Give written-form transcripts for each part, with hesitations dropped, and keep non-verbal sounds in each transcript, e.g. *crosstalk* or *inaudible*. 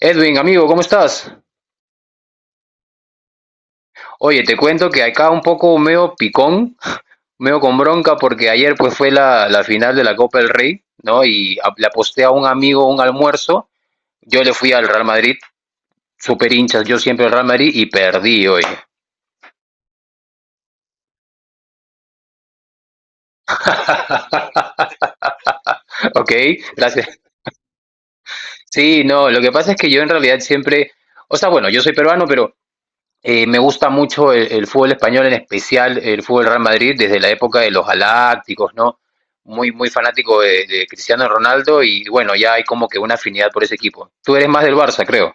Edwin, amigo, ¿cómo estás? Oye, te cuento que acá un poco meo picón, meo con bronca porque ayer pues fue la final de la Copa del Rey, ¿no? Le aposté a un amigo un almuerzo, yo le fui al Real Madrid, super hinchas, yo siempre al Real Madrid y perdí hoy. *laughs* Ok, gracias. Sí, no, lo que pasa es que yo en realidad siempre, o sea, bueno, yo soy peruano, pero me gusta mucho el fútbol español, en especial el fútbol Real Madrid, desde la época de los galácticos, ¿no? Muy, muy fanático de Cristiano Ronaldo y bueno, ya hay como que una afinidad por ese equipo. Tú eres más del Barça, creo.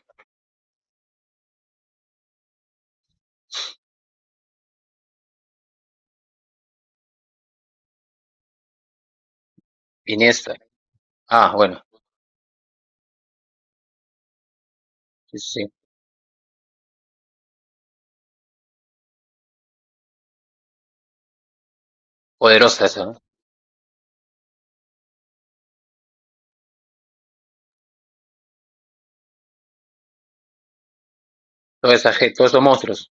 Iniesta. Ah, bueno, sí, sí. Poderosa esa, ¿no? Todos esos monstruos.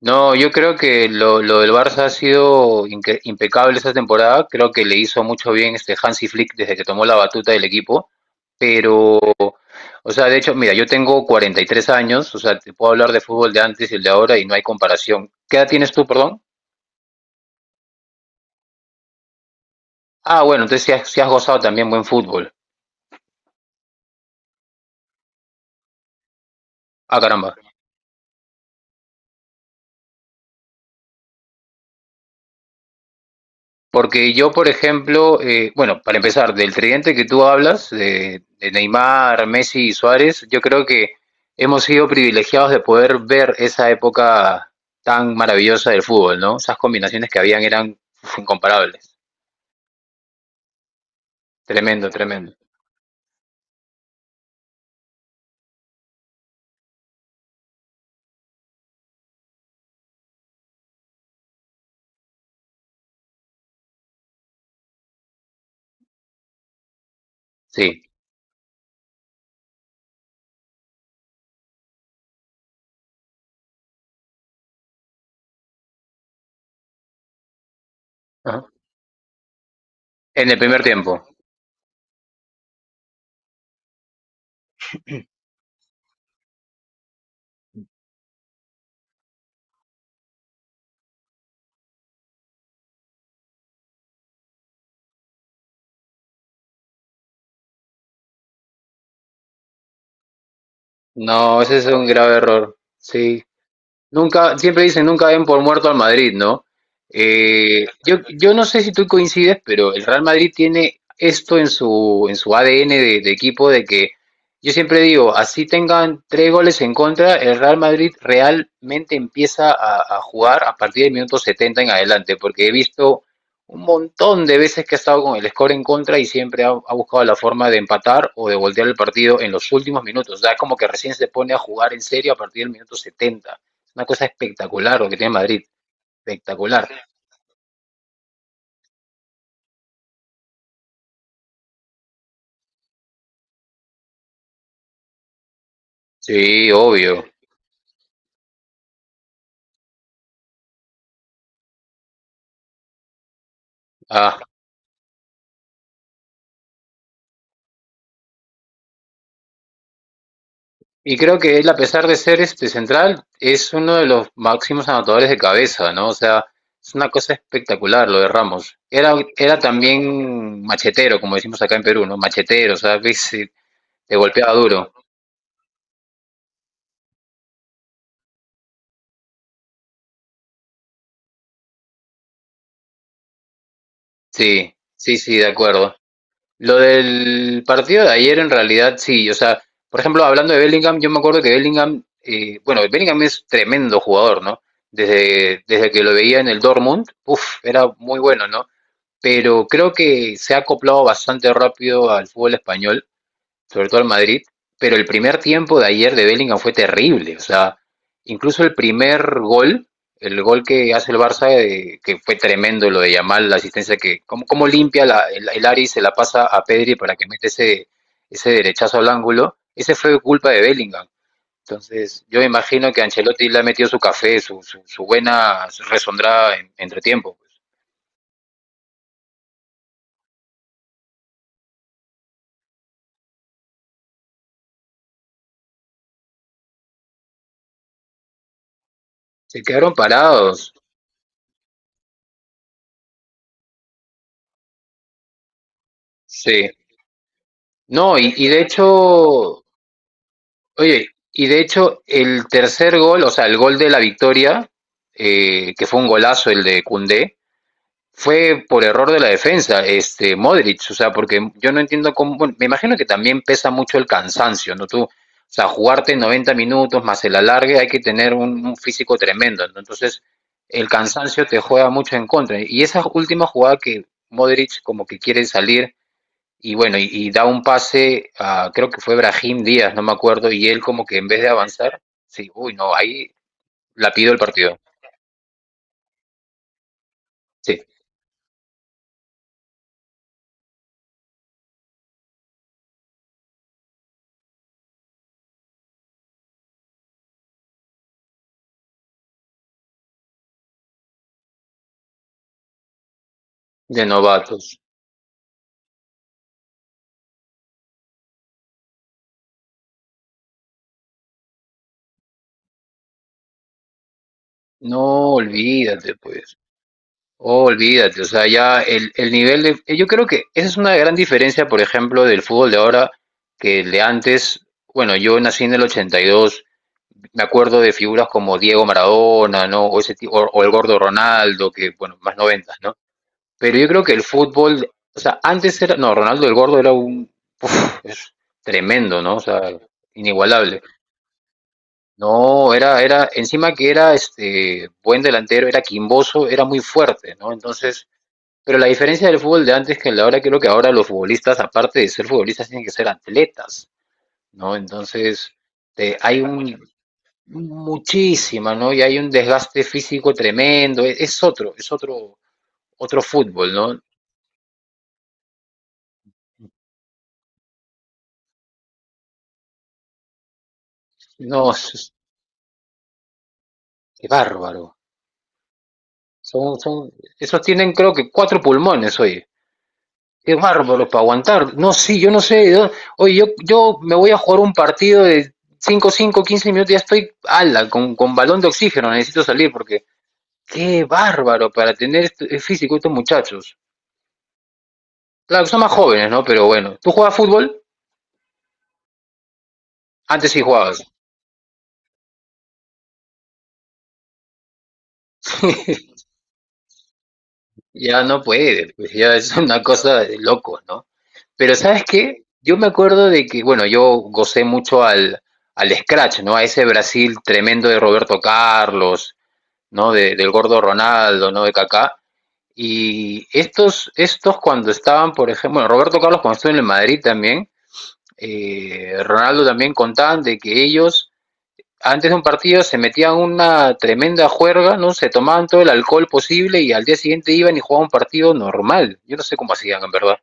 No, yo creo que lo del Barça ha sido impecable esta temporada. Creo que le hizo mucho bien este Hansi Flick desde que tomó la batuta del equipo. Pero, o sea, de hecho, mira, yo tengo 43 años, o sea, te puedo hablar de fútbol de antes y el de ahora y no hay comparación. ¿Qué edad tienes tú, perdón? Ah, bueno, entonces sí has gozado también buen fútbol. Ah, caramba. Porque yo, por ejemplo, bueno, para empezar, del tridente que tú hablas, de Neymar, Messi y Suárez, yo creo que hemos sido privilegiados de poder ver esa época tan maravillosa del fútbol, ¿no? Esas combinaciones que habían eran uf, incomparables. Tremendo, tremendo. Sí. Ajá. En el primer tiempo. No, ese es un grave error. Sí. Nunca, siempre dicen nunca ven por muerto al Madrid, ¿no? Yo no sé si tú coincides, pero el Real Madrid tiene esto en su ADN de equipo de que yo siempre digo, así tengan tres goles en contra, el Real Madrid realmente empieza a jugar a partir del minuto 70 en adelante, porque he visto un montón de veces que ha estado con el score en contra y siempre ha buscado la forma de empatar o de voltear el partido en los últimos minutos. O sea, es como que recién se pone a jugar en serio a partir del minuto 70. Una cosa espectacular lo que tiene Madrid. Espectacular. Sí, obvio. Ah, y creo que él, a pesar de ser este central, es uno de los máximos anotadores de cabeza, ¿no? O sea, es una cosa espectacular lo de Ramos. Era también machetero, como decimos acá en Perú, ¿no? Machetero, o sea, que te golpeaba duro. Sí, sí, sí, de acuerdo. Lo del partido de ayer en realidad sí, o sea, por ejemplo, hablando de Bellingham, yo me acuerdo que Bellingham, bueno, Bellingham es tremendo jugador, ¿no? Desde que lo veía en el Dortmund, era muy bueno, ¿no? Pero creo que se ha acoplado bastante rápido al fútbol español sobre todo al Madrid, pero el primer tiempo de ayer de Bellingham fue terrible, o sea, incluso el primer gol, el gol que hace el Barça, que fue tremendo lo de Yamal, la asistencia que, cómo limpia el Ari se la pasa a Pedri para que mete ese derechazo al ángulo, ese fue culpa de Bellingham. Entonces, yo me imagino que Ancelotti le ha metido su café, su buena resondrada entre tiempo, pues. Se quedaron parados. Sí. No, y de hecho, oye, y de hecho, el tercer gol, o sea, el gol de la victoria, que fue un golazo el de Cundé, fue por error de la defensa, este Modric, o sea, porque yo no entiendo cómo, bueno, me imagino que también pesa mucho el cansancio, ¿no? Tú, o sea, jugarte 90 minutos más el alargue, hay que tener un físico tremendo, ¿no? Entonces, el cansancio te juega mucho en contra. Y esa última jugada que Modric como que quiere salir y bueno, y da un pase a, creo que fue Brahim Díaz, no me acuerdo, y él como que en vez de avanzar, sí, uy, no, ahí la pido el partido, sí, de novatos. No, olvídate, pues, olvídate, o sea, ya el nivel de... Yo creo que esa es una gran diferencia, por ejemplo, del fútbol de ahora que el de antes. Bueno, yo nací en el 82, me acuerdo de figuras como Diego Maradona, ¿no? O, ese tipo, o el gordo Ronaldo, que, bueno, más noventas, ¿no? Pero yo creo que el fútbol, o sea, antes era, no, Ronaldo el Gordo era es tremendo, ¿no? O sea, inigualable. No, era, encima que era este buen delantero, era quimboso, era muy fuerte, ¿no? Entonces, pero la diferencia del fútbol de antes que el de ahora, creo que ahora los futbolistas, aparte de ser futbolistas, tienen que ser atletas, ¿no? Entonces, hay un muchísima, ¿no? Y hay un desgaste físico tremendo, otro fútbol, ¿no? No, ¡qué bárbaro! Son, esos tienen creo que cuatro pulmones, oye. ¡Qué bárbaro para aguantar! No, sí, yo no sé. Oye, yo me voy a jugar un partido de 5 5 15 minutos, ya estoy ala, con balón de oxígeno, necesito salir porque... ¡Qué bárbaro para tener el físico estos muchachos! Claro, son más jóvenes, ¿no? Pero bueno, ¿tú juegas fútbol? Antes sí jugabas. *laughs* Ya no puede, pues ya es una cosa de loco, ¿no? Pero ¿sabes qué? Yo me acuerdo de que, bueno, yo gocé mucho al Scratch, ¿no? A ese Brasil tremendo de Roberto Carlos, ¿no? Del gordo Ronaldo, ¿no? De Kaká. Y estos cuando estaban, por ejemplo, bueno, Roberto Carlos cuando estuvo en el Madrid también, Ronaldo también contaban de que ellos antes de un partido se metían una tremenda juerga, ¿no? Se tomaban todo el alcohol posible y al día siguiente iban y jugaban un partido normal. Yo no sé cómo hacían, en verdad.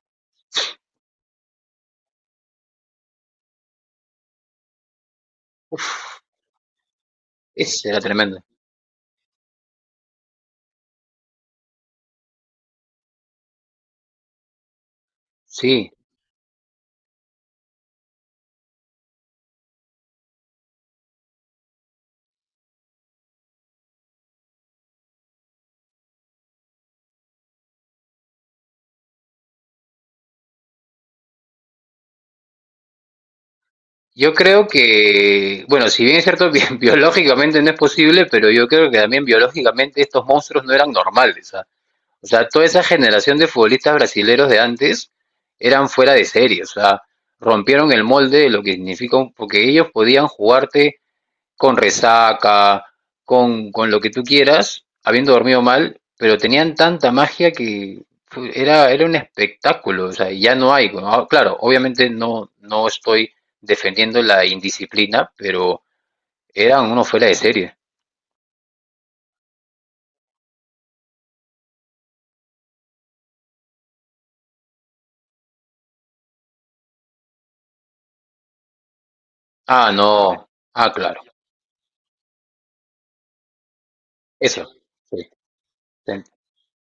Uf, ese era tremendo. Sí. Yo creo que, bueno, si bien es cierto, *laughs* biológicamente no es posible, pero yo creo que también biológicamente estos monstruos no eran normales. ¿Ah? O sea, toda esa generación de futbolistas brasileros de antes eran fuera de serie. O sea, rompieron el molde de lo que significa, porque ellos podían jugarte con resaca, con lo que tú quieras, habiendo dormido mal, pero tenían tanta magia que era un espectáculo, o sea, ya no hay. ¿No? Ah, claro, obviamente no estoy defendiendo la indisciplina, pero eran uno fuera de serie. Ah, no, ah, claro, eso, sí,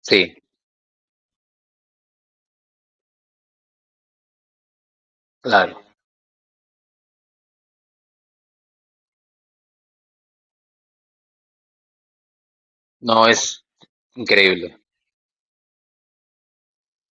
sí, claro, no es increíble.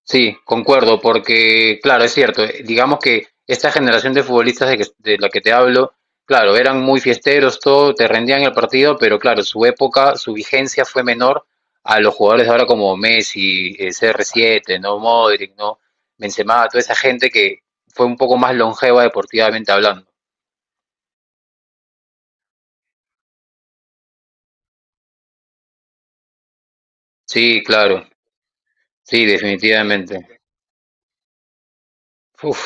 Sí, concuerdo, porque claro, es cierto, digamos que esta generación de futbolistas de la que te hablo, claro, eran muy fiesteros, todo, te rendían el partido, pero claro, su época, su vigencia fue menor a los jugadores de ahora como Messi, CR7, ¿no? Modric, ¿no? Benzema, toda esa gente que fue un poco más longeva deportivamente hablando. Sí, claro, sí, definitivamente. Uf.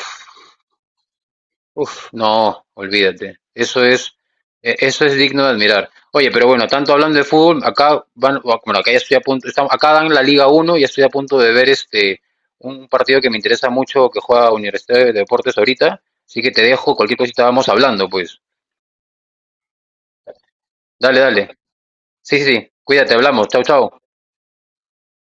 Uf, no, olvídate. Eso es, eso es digno de admirar. Oye, pero bueno, tanto hablando de fútbol, acá van, bueno, acá ya estoy a punto, estamos, acá dan la Liga Uno y estoy a punto de ver este un partido que me interesa mucho que juega Universidad de Deportes ahorita, así que te dejo, cualquier cosita vamos hablando, pues. Dale, dale. Sí, sí, sí. Cuídate, hablamos. Chau, chau.